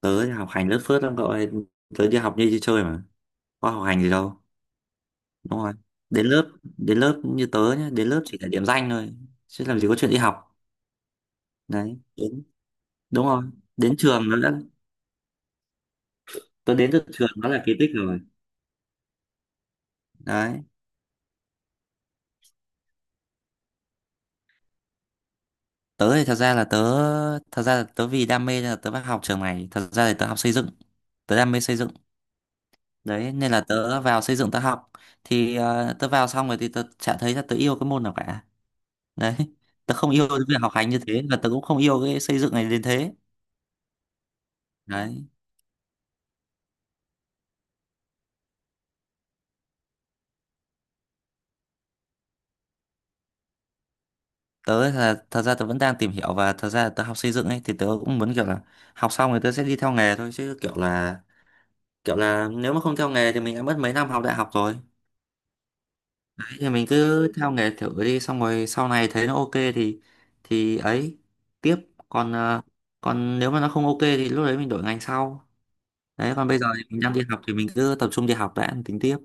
Tớ học hành lớt phớt lắm cậu ơi. Tớ đi học như đi chơi mà, có học hành gì đâu. Đúng rồi, đến lớp đến lớp như tớ nhá, đến lớp chỉ là điểm danh thôi chứ làm gì có chuyện đi học. Đấy, đến, đúng rồi, đến trường nó đã. Tớ đến được trường nó là kỳ tích rồi. Đấy. Tớ thì thật ra là tớ Thật ra là tớ vì đam mê nên là tớ phải học trường này. Thật ra thì tớ học xây dựng, tớ đam mê xây dựng. Đấy, nên là tớ vào xây dựng tớ học. Thì tớ vào xong rồi thì tớ chả thấy là tớ yêu cái môn nào cả. Đấy, tớ không yêu cái việc học hành như thế và tớ cũng không yêu cái xây dựng này đến thế. Đấy, tớ ấy là, thật ra tớ vẫn đang tìm hiểu, và thật ra tớ học xây dựng ấy thì tớ cũng muốn kiểu là học xong rồi tớ sẽ đi theo nghề thôi. Chứ kiểu là nếu mà không theo nghề thì mình đã mất mấy năm học đại học rồi. Đấy, thì mình cứ theo nghề thử đi, xong rồi sau này thấy nó ok thì ấy tiếp. Còn còn nếu mà nó không ok thì lúc đấy mình đổi ngành sau. Đấy, còn bây giờ thì mình đang đi học thì mình cứ tập trung đi học đã, tính tiếp.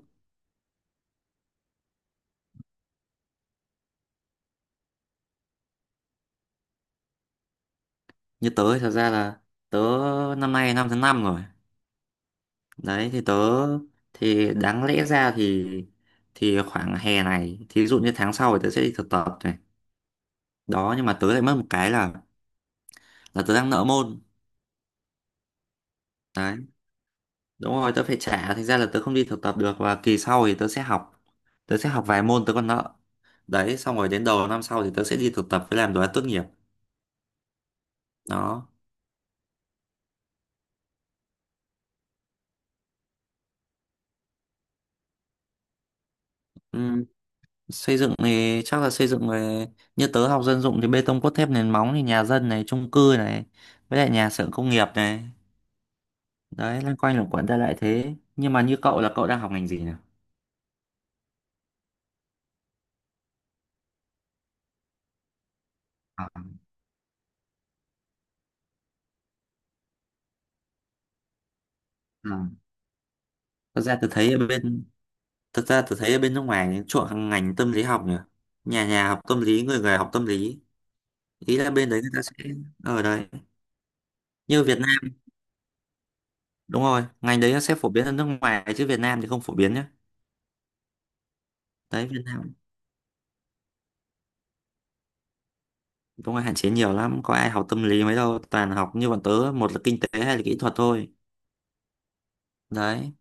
Như tớ thì thật ra là tớ năm nay năm thứ năm rồi. Đấy thì tớ, thì đáng lẽ ra thì khoảng hè này, thí dụ như tháng sau thì tớ sẽ đi thực tập này. Đó, nhưng mà tớ lại mất một cái là tớ đang nợ môn. Đấy, đúng rồi, tớ phải trả, thành ra là tớ không đi thực tập được, và kỳ sau thì tớ sẽ học, tớ sẽ học vài môn tớ còn nợ. Đấy, xong rồi đến đầu năm sau thì tớ sẽ đi thực tập với làm đồ án tốt nghiệp. Đó. Ừ. Xây dựng thì chắc là xây dựng về, như tớ học dân dụng thì bê tông cốt thép nền móng, thì nhà dân này, chung cư này, với lại nhà xưởng công nghiệp này. Đấy, loanh quanh luẩn quẩn ra lại thế. Nhưng mà như cậu là cậu đang học ngành gì nhỉ? À, ừ. Thật ra tôi thấy ở bên Thật ra tôi thấy ở bên nước ngoài chuộng ngành tâm lý học nhỉ, nhà nhà học tâm lý, người người học tâm lý. Ý là bên đấy người ta sẽ, ở đấy, như Việt Nam, đúng rồi, ngành đấy nó sẽ phổ biến ở nước ngoài chứ Việt Nam thì không phổ biến nhé. Đấy Việt Nam. Công an hạn chế nhiều lắm, có ai học tâm lý mấy đâu, toàn học như bọn tớ, một là kinh tế hay là kỹ thuật thôi. Đấy.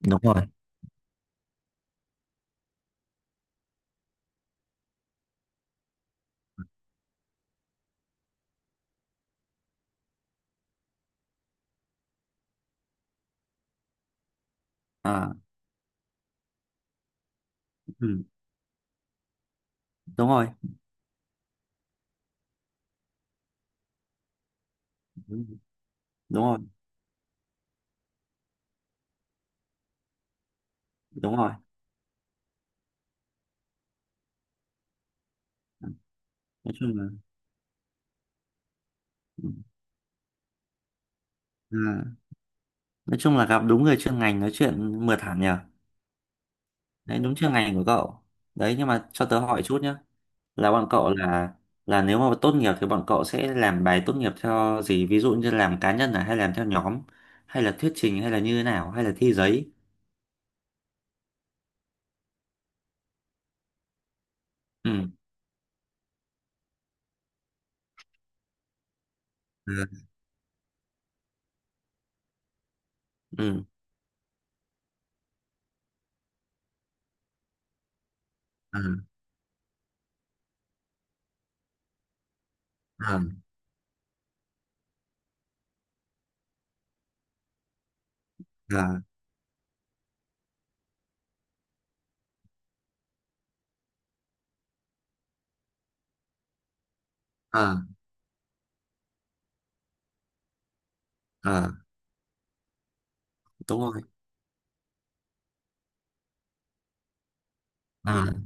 Đúng rồi. À, ừ, đúng rồi, đúng. Đúng rồi, đúng rồi. Nói chung là, ừ, à, nói chung là gặp đúng người chuyên ngành nói chuyện mượt hẳn nhờ. Đấy, đúng chuyên ngành của cậu. Đấy, nhưng mà cho tớ hỏi chút nhá. Là bọn cậu Là nếu mà tốt nghiệp thì bọn cậu sẽ làm bài tốt nghiệp theo gì? Ví dụ như làm cá nhân à, hay làm theo nhóm, hay là thuyết trình, hay là như thế nào, hay là thi giấy? Ừ. Ừ. Ừ. Ừ. Ừ. À. À. À. Đúng rồi. Ừ, à.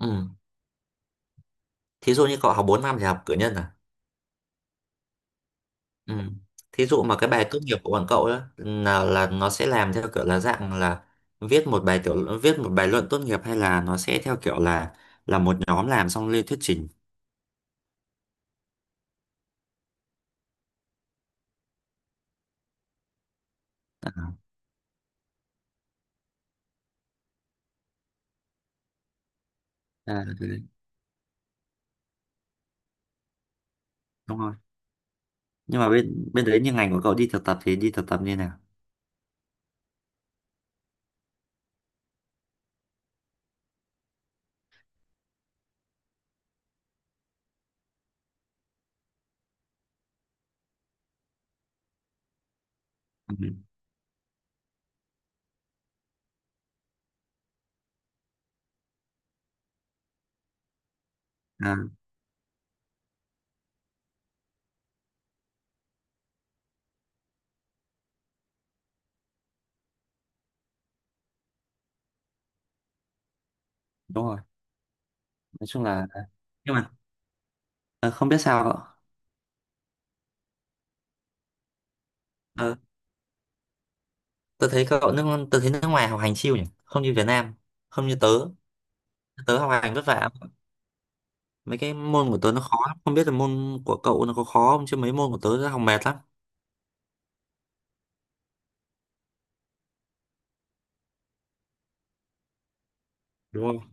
Ừ. Thí dụ như cậu học 4 năm thì học cử nhân à? Ừ. Thí dụ mà cái bài tốt nghiệp của bọn cậu đó là nó sẽ làm theo kiểu là dạng là viết một bài tiểu, viết một bài luận tốt nghiệp, hay là nó sẽ theo kiểu là một nhóm làm xong lên thuyết trình? À, à cái đấy, đúng rồi. Nhưng mà bên bên đấy như ngành của cậu đi thực tập thì đi thực tập như nào? Ừ. À. Đúng rồi. Nói chung là, nhưng mà ờ, không biết sao cậu. Ờ, Tớ thấy cậu nước, tớ thấy nước ngoài học hành chill nhỉ, không như Việt Nam, không như tớ. Tớ học hành vất vả, mấy cái môn của tớ nó khó lắm. Không biết là môn của cậu nó có khó không, chứ mấy môn của tớ nó học mệt lắm. Đúng không?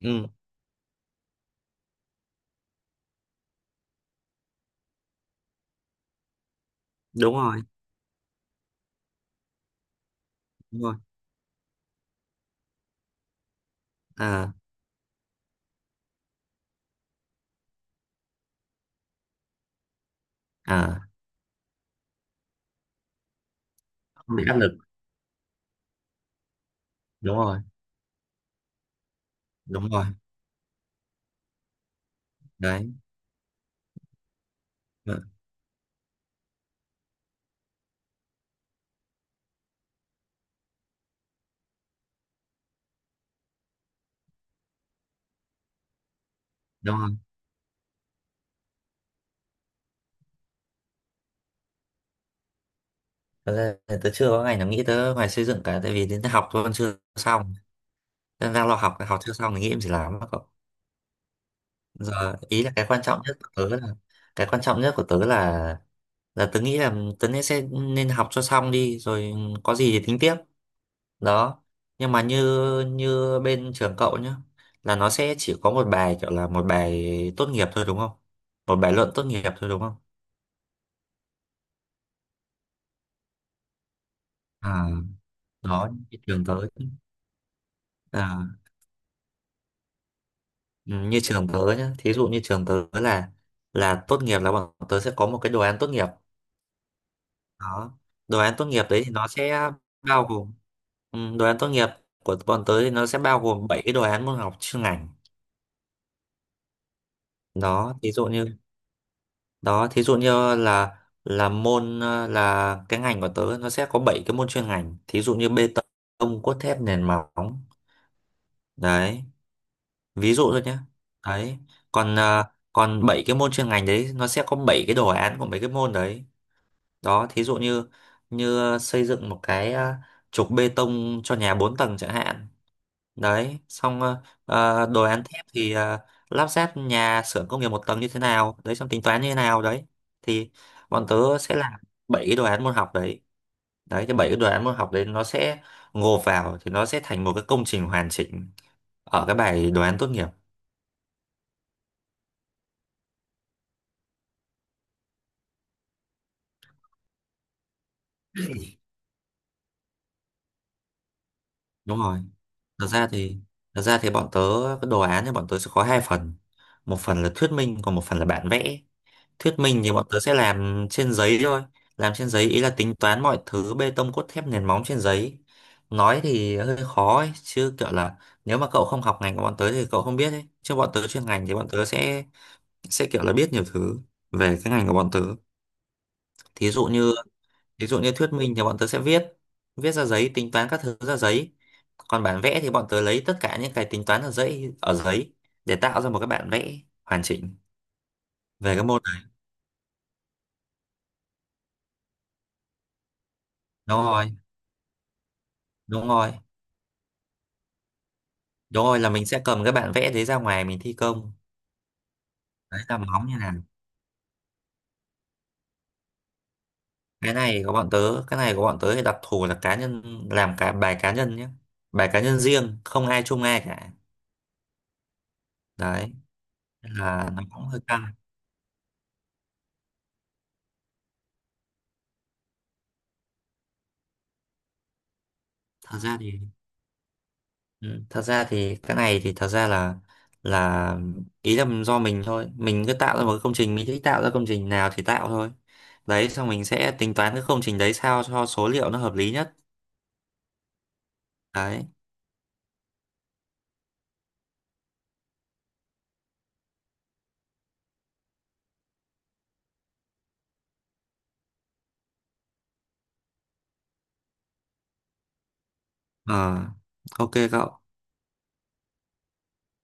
Ừ. Đúng rồi. Đúng rồi. À. À, không bị áp lực. Đúng rồi. Đúng rồi. Đấy. Ừ, đúng rồi. Thật ra thì tớ chưa có ngày nào nghĩ tớ ngoài xây dựng cả, tại vì đến tớ học tôi còn chưa xong, nên đang lo học, học chưa xong thì nghĩ em gì làm đó cậu. Giờ ý là cái quan trọng nhất của tớ là, cái quan trọng nhất của tớ là tớ nghĩ là tớ nên sẽ nên học cho xong đi rồi có gì thì tính tiếp. Đó, nhưng mà như như bên trường cậu nhá, là nó sẽ chỉ có một bài, kiểu là một bài tốt nghiệp thôi đúng không, một bài luận tốt nghiệp thôi đúng không? À, đó như trường tớ. À, ừ, như trường tớ nhá, thí dụ như trường tớ là tốt nghiệp là bọn tớ sẽ có một cái đồ án tốt nghiệp. Đó, đồ án tốt nghiệp đấy thì nó sẽ bao gồm, ừ, đồ án tốt nghiệp của bọn tớ thì nó sẽ bao gồm 7 cái đồ án môn học chuyên ngành. Đó thí dụ như, đó thí dụ như là là môn là cái ngành của tớ nó sẽ có 7 cái môn chuyên ngành, thí dụ như bê tông cốt thép nền móng. Đấy, ví dụ thôi nhé. Đấy, còn còn 7 cái môn chuyên ngành đấy nó sẽ có 7 cái đồ án của mấy cái môn đấy. Đó thí dụ như, như xây dựng một cái trục bê tông cho nhà 4 tầng chẳng hạn. Đấy, xong đồ án thép thì lắp ráp nhà xưởng công nghiệp một tầng như thế nào đấy, xong tính toán như thế nào đấy. Thì bọn tớ sẽ làm bảy cái đồ án môn học đấy. Đấy, cái bảy cái đồ án môn học đấy nó sẽ gộp vào thì nó sẽ thành một cái công trình hoàn chỉnh ở cái bài đồ án tốt nghiệp. Đúng rồi. thật ra thì Thật ra thì bọn tớ, cái đồ án thì bọn tớ sẽ có hai phần, một phần là thuyết minh, còn một phần là bản vẽ. Thuyết minh thì bọn tớ sẽ làm trên giấy thôi. Làm trên giấy ý là tính toán mọi thứ bê tông cốt thép nền móng trên giấy. Nói thì hơi khó ấy, chứ kiểu là nếu mà cậu không học ngành của bọn tớ thì cậu không biết ấy. Chứ bọn tớ chuyên ngành thì bọn tớ sẽ kiểu là biết nhiều thứ về cái ngành của bọn tớ. Thí dụ như, thí dụ như thuyết minh thì bọn tớ sẽ viết, viết ra giấy, tính toán các thứ ra giấy. Còn bản vẽ thì bọn tớ lấy tất cả những cái tính toán ở giấy để tạo ra một cái bản vẽ hoàn chỉnh về cái môn này. Đúng rồi, đúng rồi. Đúng rồi, là mình sẽ cầm cái bản vẽ đấy ra ngoài mình thi công. Đấy là móng như nào. cái này có bọn tớ cái này của bọn tớ thì đặc thù là cá nhân, làm cả bài cá nhân nhé, bài cá nhân riêng không ai chung ai cả. Đấy, nên là nó cũng hơi căng. Thật ra thì Ừ, thật ra thì cái này thì thật ra là ý là do mình thôi, mình cứ tạo ra một cái công trình, mình thích tạo ra công trình nào thì tạo thôi. Đấy, xong mình sẽ tính toán cái công trình đấy sao cho số liệu nó hợp lý nhất. Đấy. ờ ok cậu.